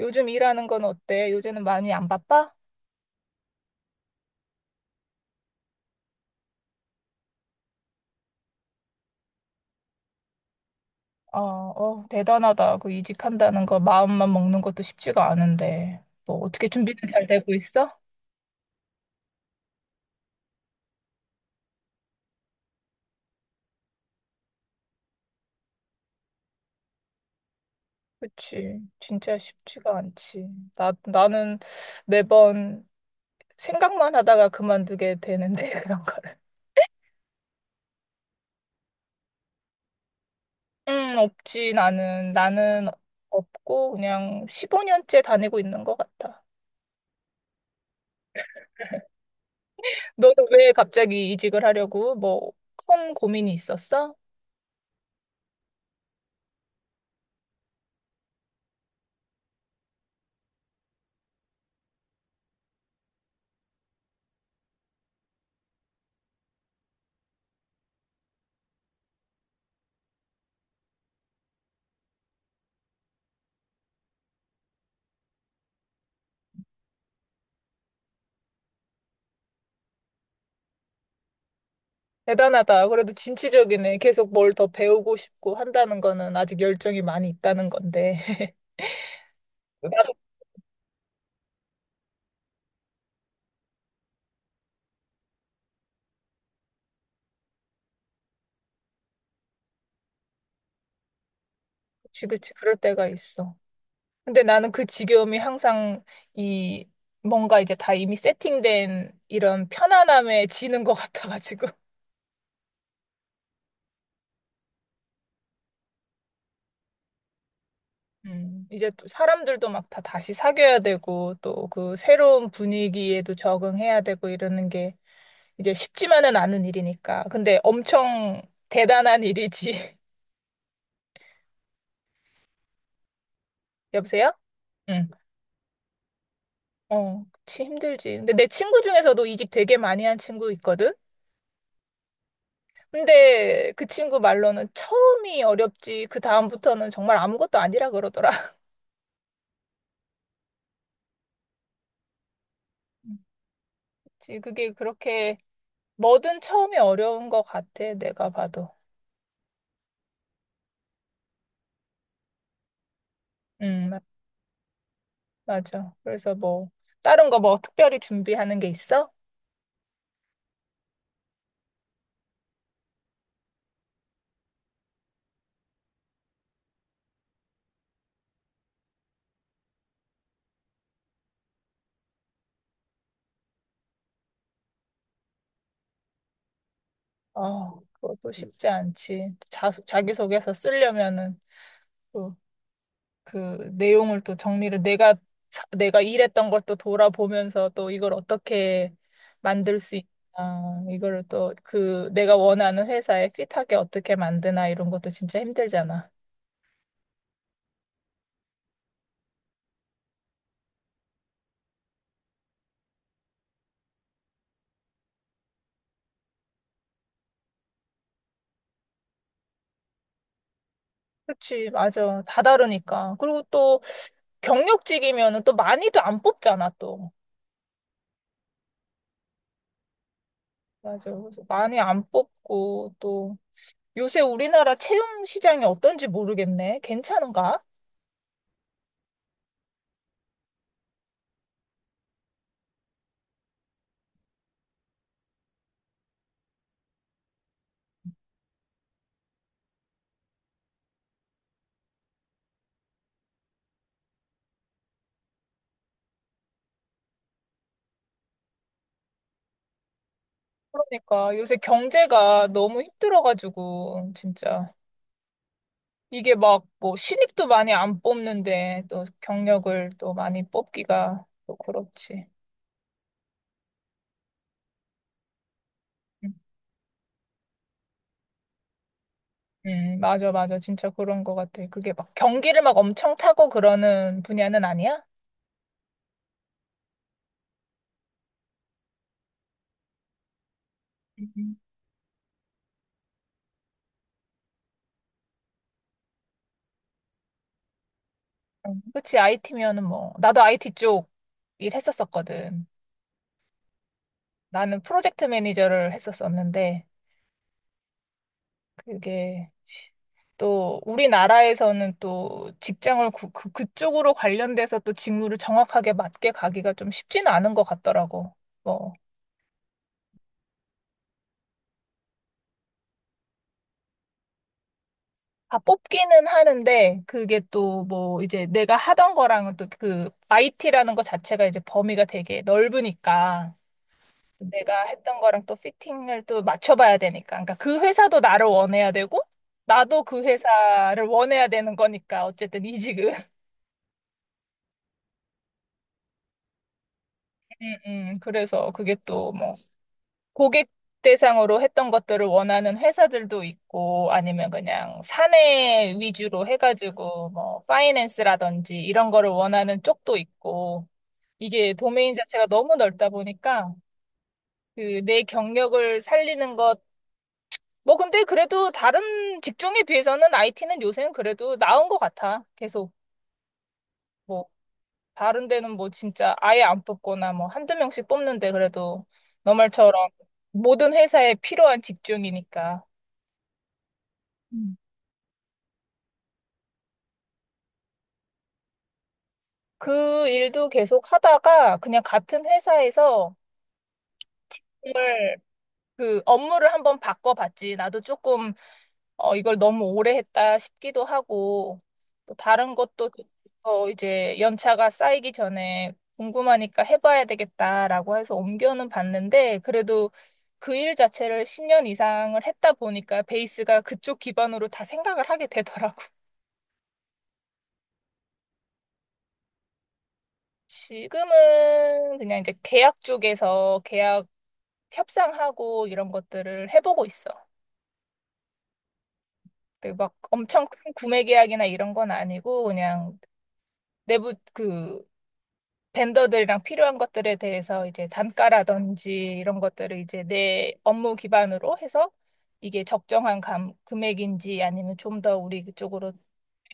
요즘 일하는 건 어때? 요새는 많이 안 바빠? 어, 어, 대단하다. 그 이직한다는 거 마음만 먹는 것도 쉽지가 않은데. 뭐 어떻게 준비는 잘 되고 있어? 그치. 진짜 쉽지가 않지. 나는 매번 생각만 하다가 그만두게 되는데, 그런 거를. 없지. 나는 없고, 그냥 15년째 다니고 있는 것 같아. 너는 왜 갑자기 이직을 하려고? 뭐, 큰 고민이 있었어? 대단하다. 그래도 진취적이네. 계속 뭘 더 배우고 싶고 한다는 거는 아직 열정이 많이 있다는 건데. 나도 그치. 그럴 때가 있어. 근데 나는 그 지겨움이 항상 이 뭔가 이제 다 이미 세팅된 이런 편안함에 지는 것 같아가지고. 이제 또 사람들도 막 다 다시 사귀어야 되고 또 그 새로운 분위기에도 적응해야 되고 이러는 게 이제 쉽지만은 않은 일이니까. 근데 엄청 대단한 일이지. 여보세요? 응. 어, 그치, 힘들지. 근데 내 친구 중에서도 이직 되게 많이 한 친구 있거든? 근데 그 친구 말로는 처음이 어렵지, 그 다음부터는 정말 아무것도 아니라 그러더라. 음, 그치, 그게 그렇게 뭐든 처음이 어려운 것 같아, 내가 봐도. 음, 맞- 맞아. 그래서 뭐, 다른 거 뭐 특별히 준비하는 게 있어? 어, 그것도 쉽지 않지. 자기소개서 쓰려면은. 또 그 내용을 또 정리를 내가 내가 일했던 걸 또 돌아보면서 또 이걸 어떻게 만들 수 있나 이거를 또 그 내가 원하는 회사에 핏하게 어떻게 만드나 이런 것도 진짜 힘들잖아. 그치, 맞아. 다 다르니까. 그리고 또 경력직이면은 또 많이도 안 뽑잖아, 또. 맞아. 그래서 많이 안 뽑고 또 요새 우리나라 채용 시장이 어떤지 모르겠네. 괜찮은가? 그러니까 요새 경제가 너무 힘들어가지고 진짜. 이게 막 뭐 신입도 많이 안 뽑는데 또 경력을 또 많이 뽑기가 또 그렇지. 음, 맞아. 진짜 그런 것 같아. 그게 막 경기를 막 엄청 타고 그러는 분야는 아니야? 음. 그치, IT면은 뭐. 나도 IT 쪽 일했었었거든. 나는 프로젝트 매니저를 했었었는데, 이게 또 우리나라에서는 또 직장을 그쪽으로 관련돼서 또 직무를 정확하게 맞게 가기가 좀 쉽지는 않은 것 같더라고. 뭐, 다 뽑기는 하는데 그게 또 뭐 이제 내가 하던 거랑은 또 그 IT라는 것 자체가 이제 범위가 되게 넓으니까 내가 했던 거랑 또 피팅을 또 맞춰봐야 되니까. 그러니까 그 회사도 나를 원해야 되고 나도 그 회사를 원해야 되는 거니까 어쨌든 이직은. 음, 그래서 그게 또뭐 고객 대상으로 했던 것들을 원하는 회사들도 있고 아니면 그냥 사내 위주로 해가지고 뭐 파이낸스라든지 이런 거를 원하는 쪽도 있고 이게 도메인 자체가 너무 넓다 보니까 그 내 경력을 살리는 것 뭐 근데 그래도 다른 직종에 비해서는 IT는 요새는 그래도 나은 것 같아 계속 뭐 다른 데는 뭐 진짜 아예 안 뽑거나 뭐 한두 명씩 뽑는데 그래도 너 말처럼 모든 회사에 필요한 직종이니까. 그 일도 계속 하다가 그냥 같은 회사에서 정말 그 업무를 한번 바꿔봤지. 나도 조금 어, 이걸 너무 오래 했다 싶기도 하고 또 다른 것도 어, 이제 연차가 쌓이기 전에 궁금하니까 해봐야 되겠다라고 해서 옮겨는 봤는데 그래도 그 일 자체를 10년 이상을 했다 보니까 베이스가 그쪽 기반으로 다 생각을 하게 되더라고. 지금은 그냥 이제 계약 쪽에서 계약 협상하고 이런 것들을 해보고 있어. 근데 막 엄청 큰 구매 계약이나 이런 건 아니고 그냥 내부 그 벤더들이랑 필요한 것들에 대해서 이제 단가라든지 이런 것들을 이제 내 업무 기반으로 해서 이게 적정한 금액인지 아니면 좀 더 우리 쪽으로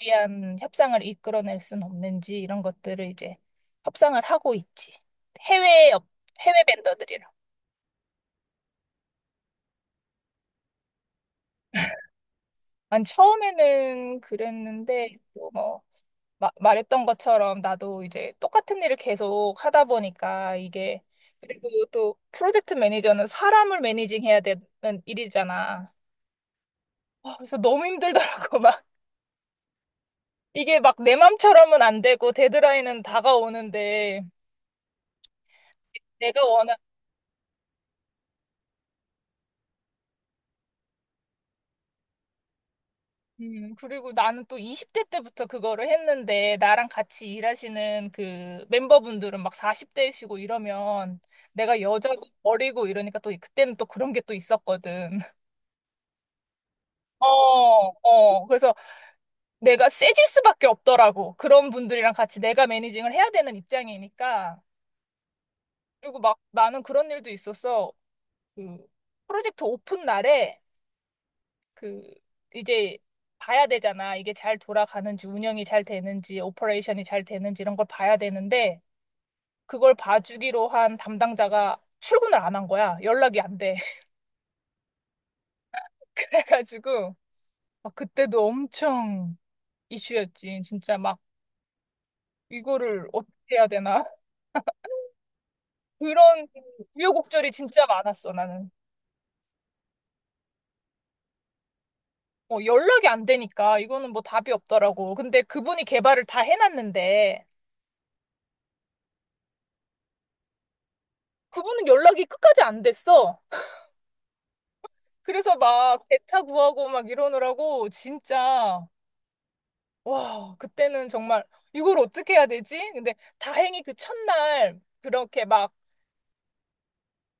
유리한 협상을 이끌어낼 수는 없는지 이런 것들을 이제 협상을 하고 있지. 해외 업- 해외 벤더들이랑. 난 처음에는 그랬는데 또뭐 말했던 것처럼 나도 이제 똑같은 일을 계속 하다 보니까 이게 그리고 또 프로젝트 매니저는 사람을 매니징해야 되는 일이잖아. 어, 그래서 너무 힘들더라고. 막 이게 막 내 맘처럼은 안 되고 데드라인은 다가오는데 내가 원한 그리고 나는 또 20대 때부터 그거를 했는데 나랑 같이 일하시는 그 멤버분들은 막 40대이시고 이러면 내가 여자고 어리고 이러니까 또 그때는 또 그런 게 또 있었거든. 어, 어. 그래서 내가 세질 수밖에 없더라고. 그런 분들이랑 같이 내가 매니징을 해야 되는 입장이니까. 그리고 막 나는 그런 일도 있었어. 그 프로젝트 오픈 날에 그 이제 봐야 되잖아. 이게 잘 돌아가는지, 운영이 잘 되는지, 오퍼레이션이 잘 되는지 이런 걸 봐야 되는데 그걸 봐주기로 한 담당자가 출근을 안 한 거야. 연락이 안 돼. 그래가지고 막 그때도 엄청 이슈였지. 진짜 막 이거를 어떻게 해야 되나. 그런 우여곡절이 진짜 많았어, 나는. 어, 연락이 안 되니까 이거는 뭐 답이 없더라고. 근데 그분이 개발을 다 해놨는데 그분은 연락이 끝까지 안 됐어. 그래서 막 대타 구하고 막 이러느라고 진짜 와, 그때는 정말 이걸 어떻게 해야 되지? 근데 다행히 그 첫날 그렇게 막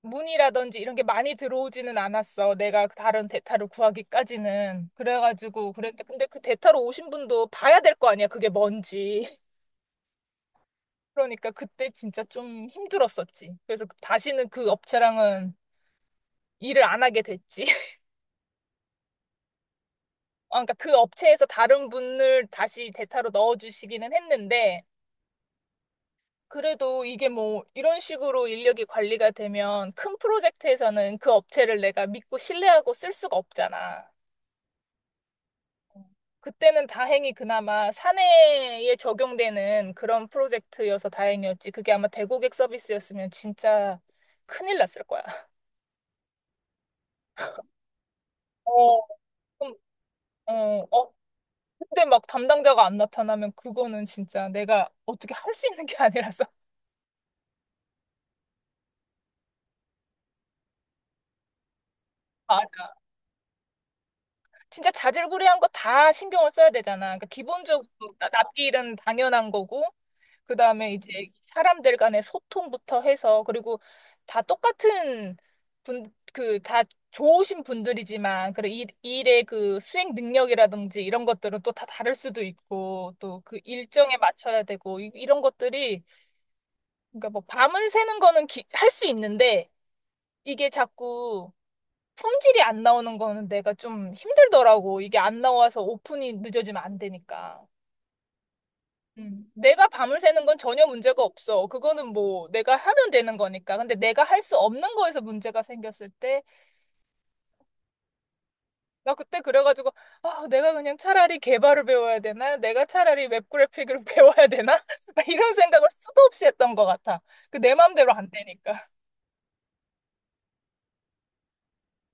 문의라든지 이런 게 많이 들어오지는 않았어. 내가 다른 대타를 구하기까지는. 그래가지고 그랬는데 근데 그 대타로 오신 분도 봐야 될 거 아니야. 그게 뭔지. 그러니까 그때 진짜 좀 힘들었었지. 그래서 다시는 그 업체랑은 일을 안 하게 됐지. 아, 그러니까 그 업체에서 다른 분을 다시 대타로 넣어주시기는 했는데, 그래도 이게 뭐 이런 식으로 인력이 관리가 되면 큰 프로젝트에서는 그 업체를 내가 믿고 신뢰하고 쓸 수가 없잖아. 어, 그때는 다행히 그나마 사내에 적용되는 그런 프로젝트여서 다행이었지. 그게 아마 대고객 서비스였으면 진짜 큰일 났을 거야. 어, 좀, 어, 근데 막 담당자가 안 나타나면 그거는 진짜 내가 어떻게 할 수 있는 게 아니라서. 맞아. 진짜 자질구레한 거 다 신경을 써야 되잖아. 그러니까 기본적으로 납기일은 당연한 거고, 그 다음에 이제 사람들 간의 소통부터 해서, 그리고 다 똑같은 다 좋으신 분들이지만, 그리고 일의 그 수행 능력이라든지 이런 것들은 또 다 다를 수도 있고, 또 그 일정에 맞춰야 되고, 이런 것들이, 그러니까 뭐 밤을 새는 거는 할 수 있는데, 이게 자꾸 품질이 안 나오는 거는 내가 좀 힘들더라고. 이게 안 나와서 오픈이 늦어지면 안 되니까. 음. 내가 밤을 새는 건 전혀 문제가 없어. 그거는 뭐 내가 하면 되는 거니까. 근데 내가 할 수 없는 거에서 문제가 생겼을 때, 나 그때 그래가지고, 아, 내가 그냥 차라리 개발을 배워야 되나? 내가 차라리 웹 그래픽을 배워야 되나? 막 이런 생각을 수도 없이 했던 것 같아. 그 내 마음대로 안 되니까.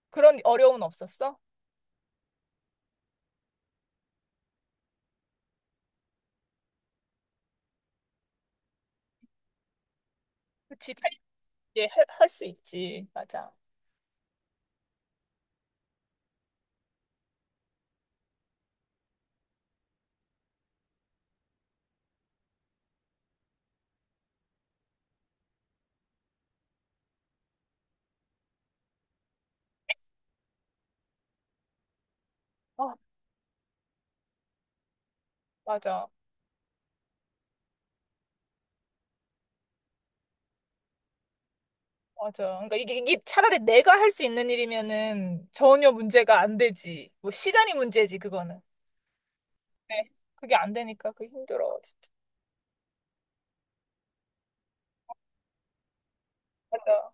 그런 어려움은 없었어? 그치, 할수 지 할, 할수 있지. 맞아. 아, 맞아. 맞아. 그러니까 이게 차라리 내가 할 수 있는 일이면은 전혀 문제가 안 되지. 뭐 시간이 문제지 그거는. 네. 그게 안 되니까 그 힘들어 진짜. 맞아.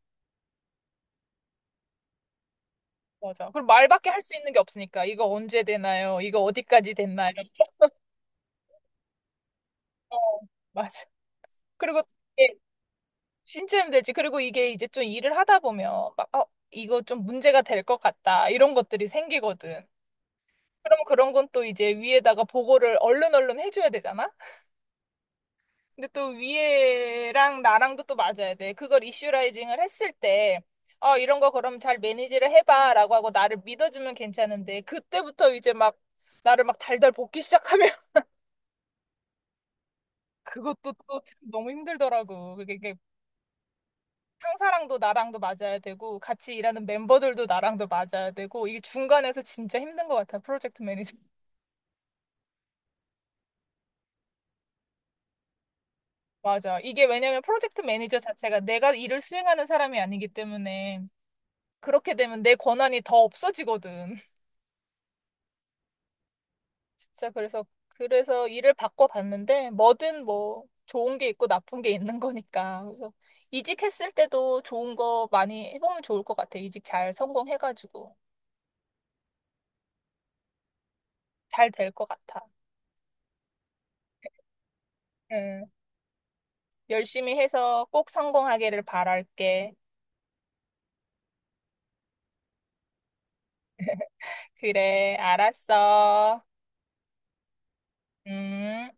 맞아. 그리고 말밖에 할 수 있는 게 없으니까 이거 언제 되나요? 이거 어디까지 됐나요? 어, 맞아. 그리고 이게 진짜 힘들지. 그리고 이게 이제 좀 일을 하다 보면 막 어, 이거 좀 문제가 될 것 같다. 이런 것들이 생기거든. 그러면 그런 건 또 이제 위에다가 보고를 얼른 얼른 해줘야 되잖아. 근데 또 위에랑 나랑도 또 맞아야 돼. 그걸 이슈라이징을 했을 때, 어, 이런 거 그럼 잘 매니지를 해봐. 라고 하고 나를 믿어주면 괜찮은데, 그때부터 이제 막 나를 막 달달 볶기 시작하면 그것도 또 너무 힘들더라고. 그게 이게 상사랑도 나랑도 맞아야 되고, 같이 일하는 멤버들도 나랑도 맞아야 되고, 이게 중간에서 진짜 힘든 것 같아. 프로젝트 매니저. 맞아. 이게 왜냐면 프로젝트 매니저 자체가 내가 일을 수행하는 사람이 아니기 때문에, 그렇게 되면 내 권한이 더 없어지거든. 진짜 그래서 일을 바꿔봤는데 뭐든 뭐 좋은 게 있고 나쁜 게 있는 거니까 그래서 이직했을 때도 좋은 거 많이 해보면 좋을 것 같아. 이직 잘 성공해가지고 잘 될 것 같아. 응. 열심히 해서 꼭 성공하기를 바랄게. 그래, 알았어. 음.